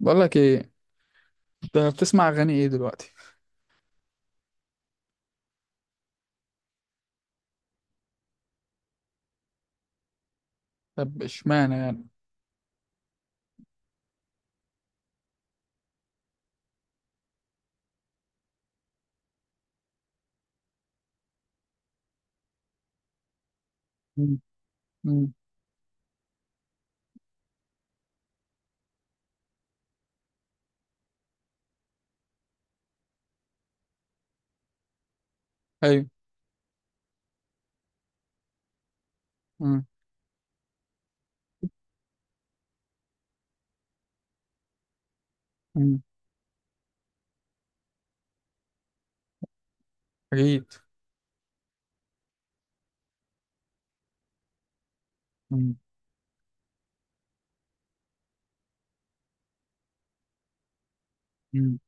بقول لك ايه، انت بتسمع اغاني ايه دلوقتي؟ طب اشمعنى يعني؟ مم. مم. ايوه. مم. مم. اكيد. مم. مم.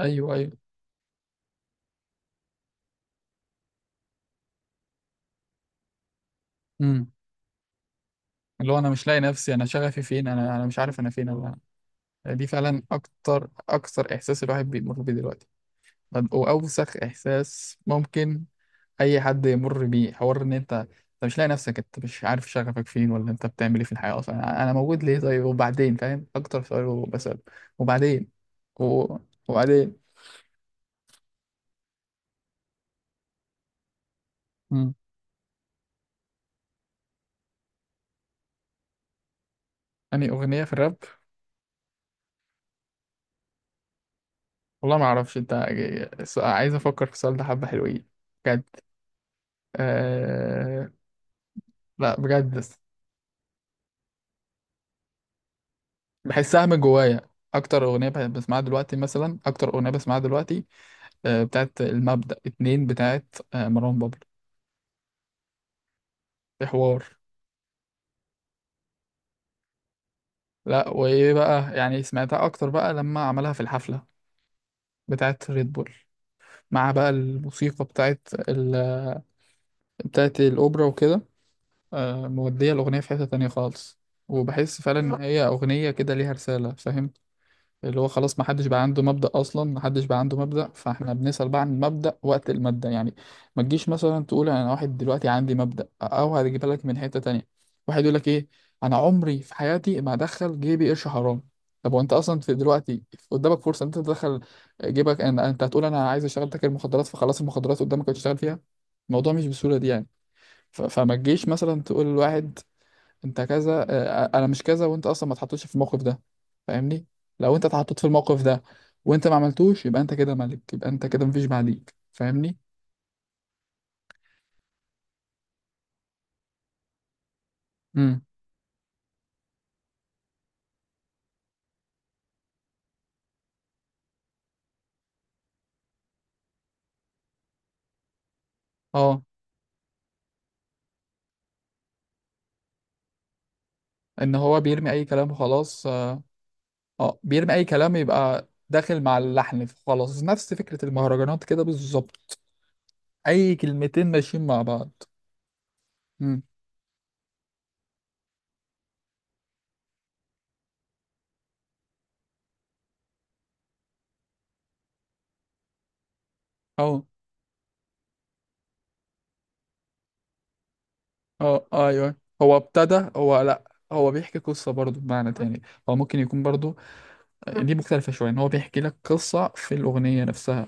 ايوه، ايوه. مم. اللي هو انا مش لاقي نفسي، انا شغفي فين، انا مش عارف انا فين انا. دي فعلا اكتر اكتر احساس الواحد بيمر بيه دلوقتي. طب واوسخ احساس ممكن اي حد يمر بيه، حوار ان انت مش لاقي نفسك، انت مش عارف شغفك فين ولا انت بتعمل ايه في الحياه اصلا، انا موجود ليه؟ طيب وبعدين، فاهم اكتر سؤال بسأله؟ وبعدين؟ و... وبعدين؟ أنهي أغنية في الراب؟ والله ما أعرفش أنت. عايز أفكر في السؤال ده، حبة حلوين بجد. أه... لا بجد، بحسها من جوايا. أكتر أغنية بسمعها دلوقتي بتاعت المبدأ اتنين، بتاعت مروان بابلو. في حوار، لا وإيه بقى، يعني سمعتها أكتر بقى لما عملها في الحفلة بتاعت ريد بول، مع بقى الموسيقى بتاعت الأوبرا وكده. مودية الأغنية في حتة تانية خالص، وبحس فعلا إن هي أغنية كده ليها رسالة، فاهم؟ اللي هو خلاص محدش بقى عنده مبدأ، أصلا محدش بقى عنده مبدأ، فإحنا بنسأل بقى عن المبدأ وقت المادة يعني. ما تجيش مثلا تقول أنا واحد دلوقتي عندي مبدأ، أو هتجيبها لك من حتة تانية. واحد يقول لك إيه، أنا عمري في حياتي ما أدخل جيبي قرش حرام. طب وأنت أصلا في دلوقتي قدامك فرصة إن أنت تدخل جيبك، أنت هتقول أنا عايز أشتغل تاجر مخدرات، فخلاص المخدرات قدامك هتشتغل فيها. الموضوع مش بالسهولة دي يعني. فما تجيش مثلا تقول لواحد انت كذا، انا مش كذا، وانت اصلا ما اتحطيتش في الموقف ده، فاهمني؟ لو انت اتحطيت في الموقف ده وانت ما عملتوش، يبقى انت كده ملك، يبقى انت كده مفيش بعديك، فاهمني؟ امم. اه، ان هو بيرمي اي كلام وخلاص، اه. بيرمي اي كلام، يبقى داخل مع اللحن خلاص، نفس فكرة المهرجانات كده بالظبط. اي كلمتين ماشيين مع بعض. امم. اه، اه، ايوه. هو ابتدى هو لا هو بيحكي قصة برضو بمعنى تاني، هو ممكن يكون برضو، دي مختلفة شوية ان هو بيحكي لك قصة في الأغنية نفسها.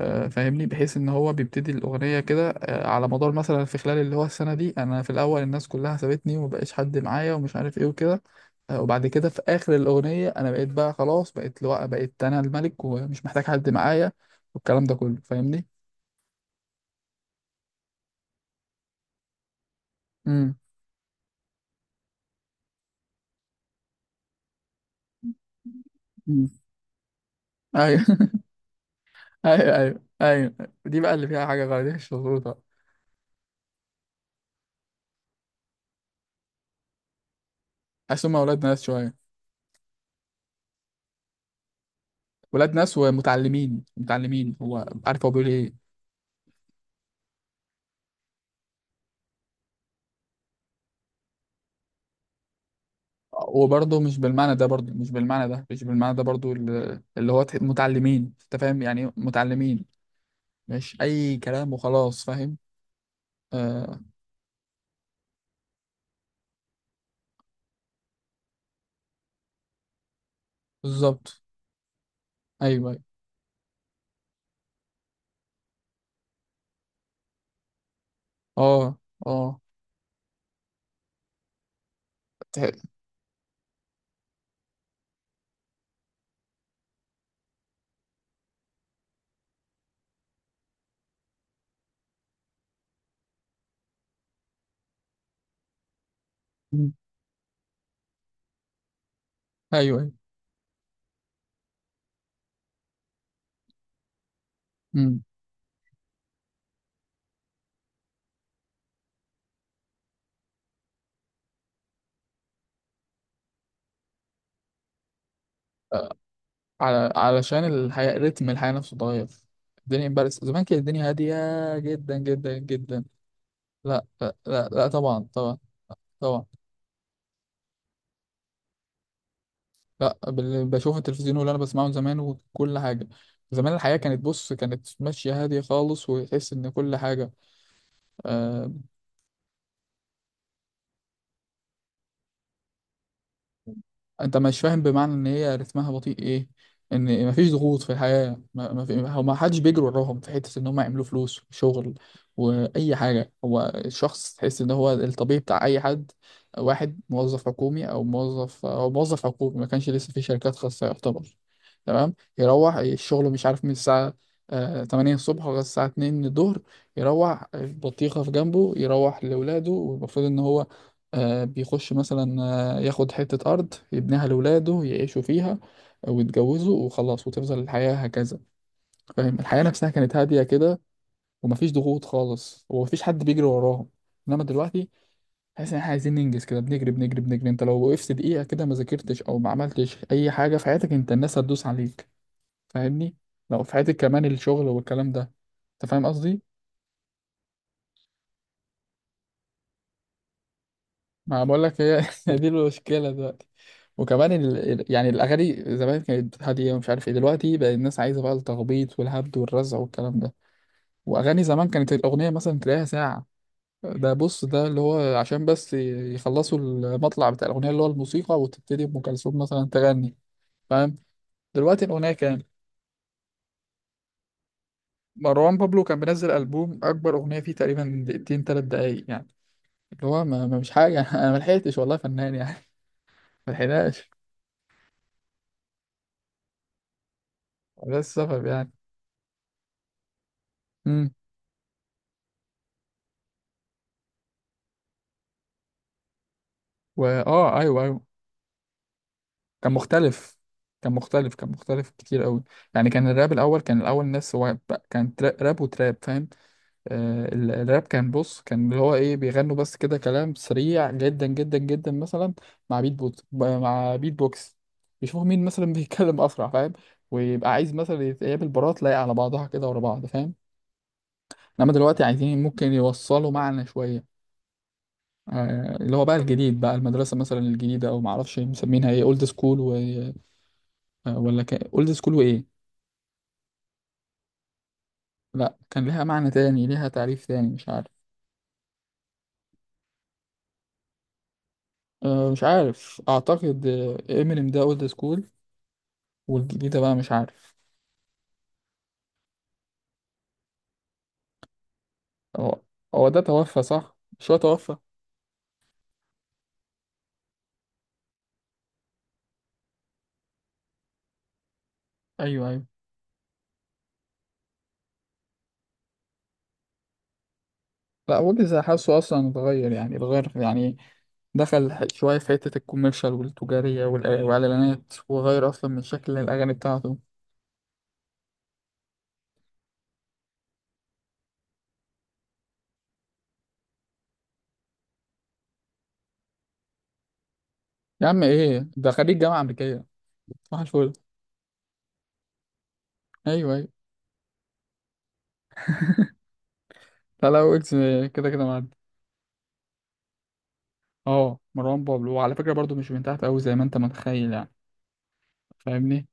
فاهمني؟ بحيث ان هو بيبتدي الأغنية كده، على مدار مثلا في خلال اللي هو السنة دي، انا في الأول الناس كلها سابتني ومبقاش حد معايا ومش عارف ايه وكده. وبعد كده في آخر الأغنية انا بقيت بقى خلاص، بقيت لو بقيت انا الملك ومش محتاج حد معايا، والكلام ده كله، فاهمني؟ امم. امم. ايوه. ايوه، ايوه، ايوه. دي بقى اللي فيها حاجة غريبة مش مظبوطة. حاسس هم ولاد ناس شوية. ولاد ناس ومتعلمين، متعلمين هو عارف هو بيقول ايه. وبرضه مش بالمعنى ده برضه مش بالمعنى ده مش بالمعنى ده برضه، متعلمين، انت فاهم يعني، متعلمين، مش اي كلام وخلاص، فاهم؟ آه، بالظبط. ايوه، ايوه. اه، اه. ته- مم. ايوه، ايوه. مم. آه، على علشان الحياه، رتم الحياه نفسه اتغير. الدنيا امبارح زمان كانت الدنيا هاديه جدا جدا جدا. لا، لا، لا، لا، طبعا، طبعا، طبعا. لا، بشوف التلفزيون واللي انا بسمعه زمان وكل حاجه. زمان الحياه كانت، بص، كانت ماشيه هاديه خالص، وتحس ان كل حاجه. آه، انت مش فاهم، بمعنى ان هي رتمها بطيء ايه، ان مفيش ضغوط في الحياه، ما في، هو ما حدش بيجري وراهم في حته ان هم يعملوا فلوس شغل واي حاجه، هو الشخص تحس ان هو الطبيعي بتاع اي حد. واحد موظف حكومي، او موظف، او موظف حكومي، ما كانش لسه في شركات خاصه يعتبر. تمام، يروح الشغل مش عارف من الساعه 8 الصبح لغايه الساعه 2 الظهر، يروح البطيخه في جنبه، يروح لاولاده، والمفروض ان هو بيخش مثلا ياخد حتة أرض يبنيها لولاده يعيشوا فيها ويتجوزوا وخلاص، وتفضل الحياة هكذا. فاهم؟ الحياة نفسها كانت هادية كده، ومفيش ضغوط خالص، ومفيش حد بيجري وراهم. إنما دلوقتي تحس إن إحنا عايزين ننجز كده، بنجري، بنجري، بنجري. أنت لو وقفت دقيقة كده، ما ذاكرتش أو ما عملتش أي حاجة في حياتك، أنت الناس هتدوس عليك، فاهمني؟ لو في حياتك كمان الشغل والكلام ده. أنت فاهم قصدي؟ ما بقول لك، هي هي دي المشكله دلوقتي. وكمان يعني الاغاني زمان كانت هاديه ومش عارف ايه، دلوقتي بقى الناس عايزه بقى التخبيط والهبد والرزع والكلام ده. واغاني زمان كانت الاغنيه مثلا تلاقيها ساعه. ده بص، ده اللي هو عشان بس يخلصوا المطلع بتاع الاغنيه اللي هو الموسيقى، وتبتدي ام كلثوم مثلا تغني، فاهم؟ دلوقتي الاغنيه كام؟ مروان بابلو كان بينزل البوم اكبر اغنيه فيه تقريبا دقيقتين ثلاث دقايق يعني، اللي هو مش حاجه. انا ما لحقتش والله يا فنان يعني، ما لحقناش. ده السبب يعني. ايوه، ايوه. كان مختلف، كان مختلف، كان مختلف كتير قوي. يعني كان الراب الاول، كان الاول الناس هو بقى- كان ترا- راب وتراب، فاهم؟ الراب كان، بص، كان اللي هو ايه، بيغنوا بس كده كلام سريع جدا جدا جدا، مثلا مع بيت بوكس، مع بيت بوكس، يشوفوا مين مثلا بيتكلم اسرع، فاهم؟ ويبقى عايز مثلا يتقابل برات لايق على بعضها كده ورا بعض، فاهم؟ انما دلوقتي عايزين ممكن يوصلوا معنى شويه. آه، اللي هو بقى الجديد، بقى المدرسه مثلا الجديده، او معرفش مسمينها ايه، اولد سكول، ولا كان اولد سكول وايه. لا كان ليها معنى تاني، ليها تعريف تاني مش عارف. أه مش عارف اعتقد. امينيم ده اولد سكول، والجديد ده بقى مش عارف. هو هو ده توفى صح؟ مش هو توفى؟ ايوه، ايوه. لا ويجز حاسه اصلا اتغير يعني، اتغير يعني، دخل شويه في حته الكوميرشال والتجاريه والاعلانات، وغير اصلا من شكل الاغاني بتاعته. يا عم، ايه ده خريج جامعه امريكيه. صح الفل. ايوه، ايوه. لا لا، ويجز كده كده معدي. اه، مروان بابلو وعلى فكرة برضو مش من تحت أوي زي ما أنت متخيل يعني، فاهمني؟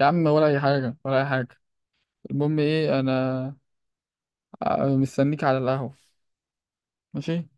يا عم ولا أي حاجة ولا أي حاجة. المهم إيه أنا، مستنيك على القهوة. ماشي.